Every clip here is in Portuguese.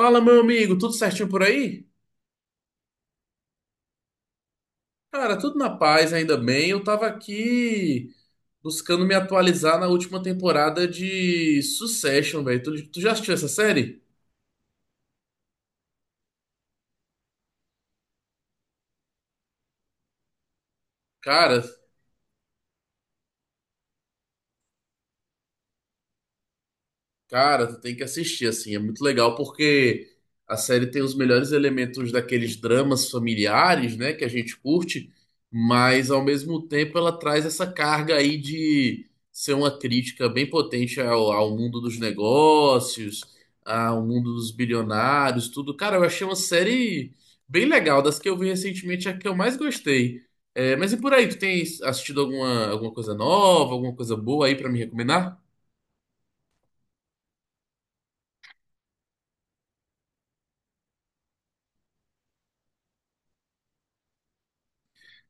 Fala, meu amigo, tudo certinho por aí? Cara, tudo na paz, ainda bem. Eu tava aqui buscando me atualizar na última temporada de Succession, velho. Tu já assistiu essa série? Cara, Cara, tu tem que assistir, assim, é muito legal porque a série tem os melhores elementos daqueles dramas familiares, né, que a gente curte, mas ao mesmo tempo ela traz essa carga aí de ser uma crítica bem potente ao mundo dos negócios, ao mundo dos bilionários, tudo. Cara, eu achei uma série bem legal, das que eu vi recentemente, é a que eu mais gostei. É, mas e por aí, tu tem assistido alguma, alguma coisa nova, alguma coisa boa aí pra me recomendar?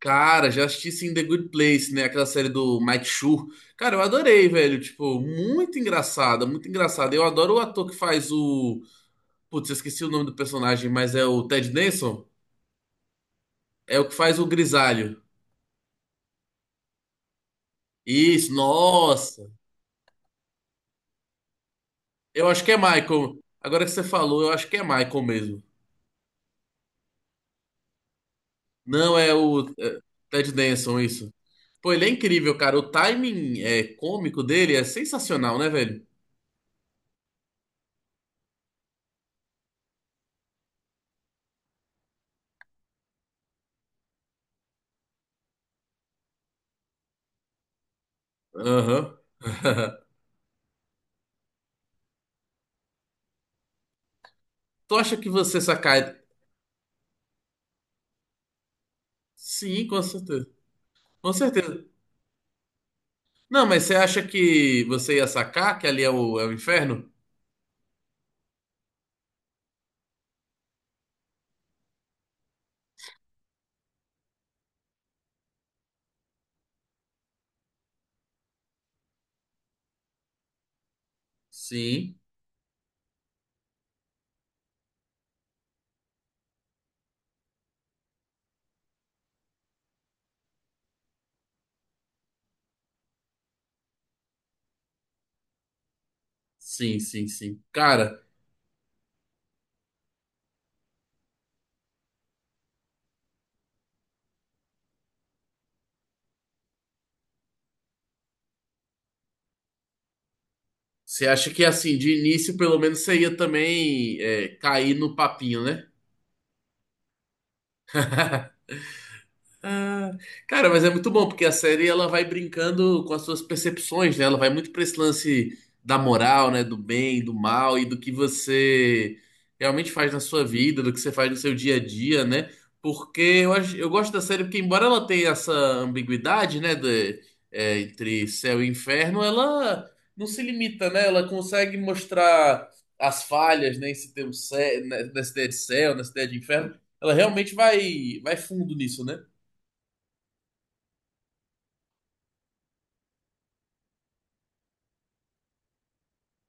Cara, já assisti sim The Good Place, né? Aquela série do Mike Schur. Cara, eu adorei, velho. Tipo, muito engraçada, muito engraçada. Eu adoro o ator que faz o. Putz, eu esqueci o nome do personagem, mas é o Ted Danson? É o que faz o Grisalho. Isso, nossa. Eu acho que é Michael. Agora que você falou, eu acho que é Michael mesmo. Não, é o é, Ted Danson, isso. Pô, ele é incrível, cara. O timing é, cômico dele é sensacional, né, velho? Aham. Tu acha que você saca- Sim, com certeza. Com certeza. Não, mas você acha que você ia sacar que ali é o inferno? Sim, sim, sim, sim. Cara, você acha que assim, de início, pelo menos você ia também cair no papinho, né? Ah, cara, mas é muito bom porque a série ela vai brincando com as suas percepções, né? Ela vai muito para esse lance da moral, né? Do bem, do mal e do que você realmente faz na sua vida, do que você faz no seu dia a dia, né? Porque eu acho, eu gosto da série porque embora ela tenha essa ambiguidade, né? de- entre céu e inferno, ela não se limita, né? Ela consegue mostrar as falhas, né? Esse termo cé- nessa ideia de céu, nessa ideia de inferno, ela realmente vai fundo nisso, né?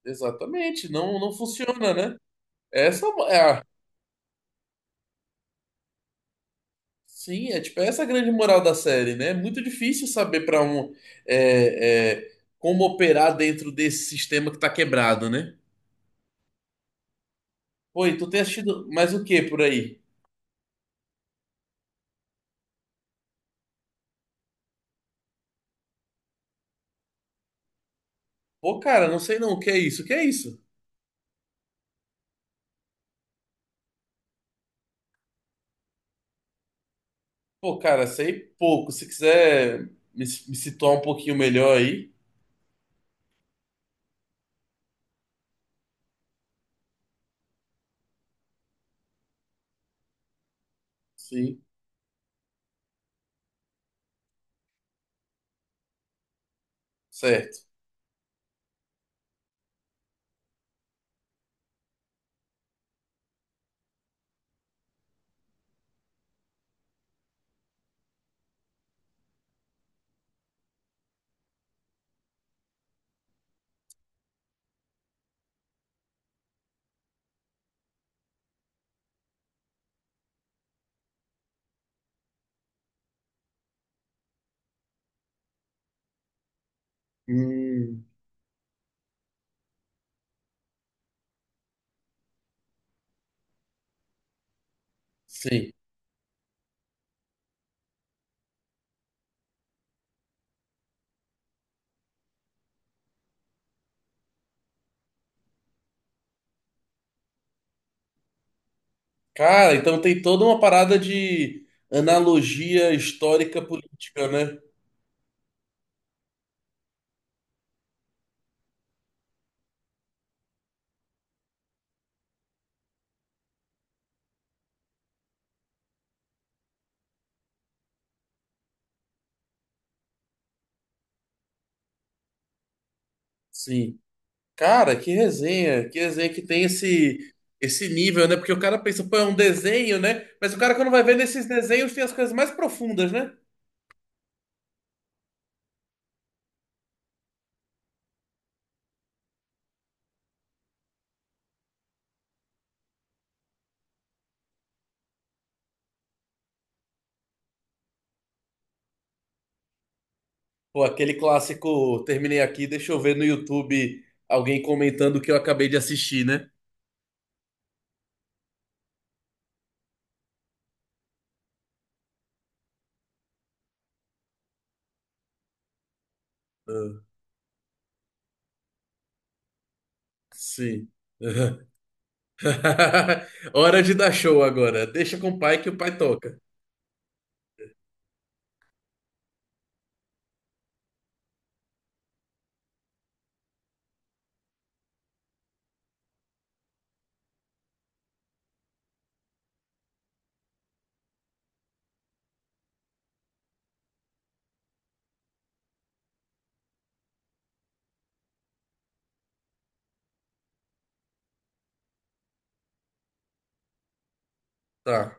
Exatamente, não, não funciona, né? Essa é a, sim, é tipo essa é a grande moral da série, né? É muito difícil saber para um é, é, como operar dentro desse sistema que tá quebrado, né? Pô, e tu tem assistido mais o que por aí? Pô, cara, não sei não, o que é isso? O que é isso? Pô, cara, sei pouco. Se quiser me situar um pouquinho melhor aí, sim, certo. Hum, sim. Cara, então tem toda uma parada de analogia histórica política, né? Sim. Cara, que resenha, que resenha que tem esse esse nível, né? Porque o cara pensa, pô, é um desenho, né? Mas o cara quando vai ver nesses desenhos tem as coisas mais profundas, né? Pô, aquele clássico, terminei aqui, deixa eu ver no YouTube alguém comentando o que eu acabei de assistir, né? Ah, sim. Hora de dar show agora. Deixa com o pai que o pai toca. Tá.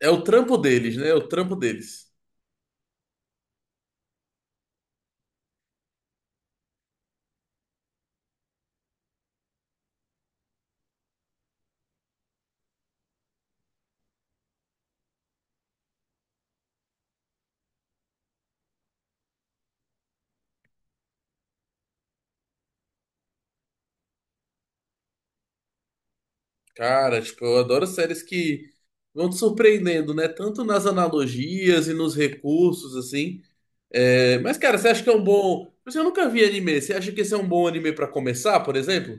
É o trampo deles, né? É o trampo deles. Cara, tipo, eu adoro séries que vão te surpreendendo, né? Tanto nas analogias e nos recursos, assim. É, mas, cara, você acha que é um bom. Mas eu nunca vi anime. Você acha que esse é um bom anime pra começar, por exemplo?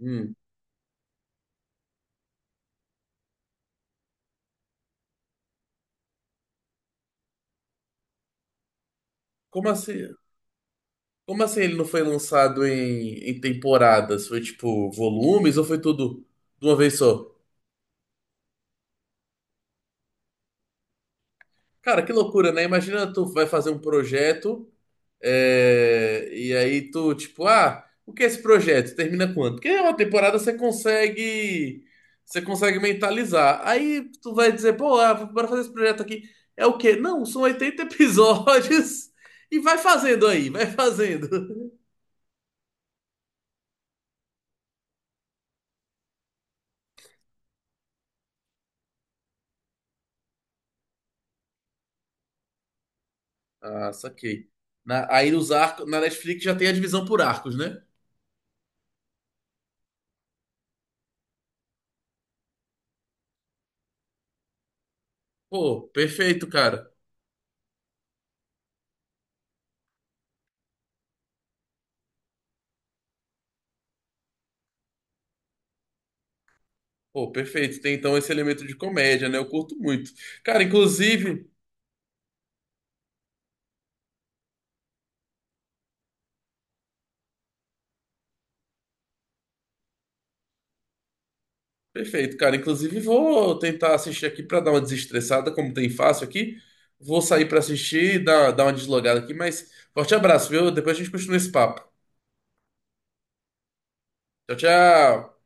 Hum. Como assim? Como assim ele não foi lançado em temporadas? Foi tipo volumes ou foi tudo de uma vez só? Cara, que loucura, né? Imagina tu vai fazer um projeto. É, e aí tu, tipo, ah, o que é esse projeto? Termina quanto? Porque é uma temporada você consegue mentalizar. Aí tu vai dizer, pô, ah, bora fazer esse projeto aqui. É o quê? Não, são 80 episódios. E vai fazendo aí, vai fazendo. Ah, saquei. Na- aí os arcos, na Netflix já tem a divisão por arcos, né? Pô, perfeito, cara. Pô, perfeito. Tem então esse elemento de comédia, né? Eu curto muito. Cara, inclusive, perfeito, cara. Inclusive, vou tentar assistir aqui pra dar uma desestressada, como tem fácil aqui. Vou sair pra assistir dar uma deslogada aqui, mas forte abraço, viu? Depois a gente continua esse papo. Tchau, tchau.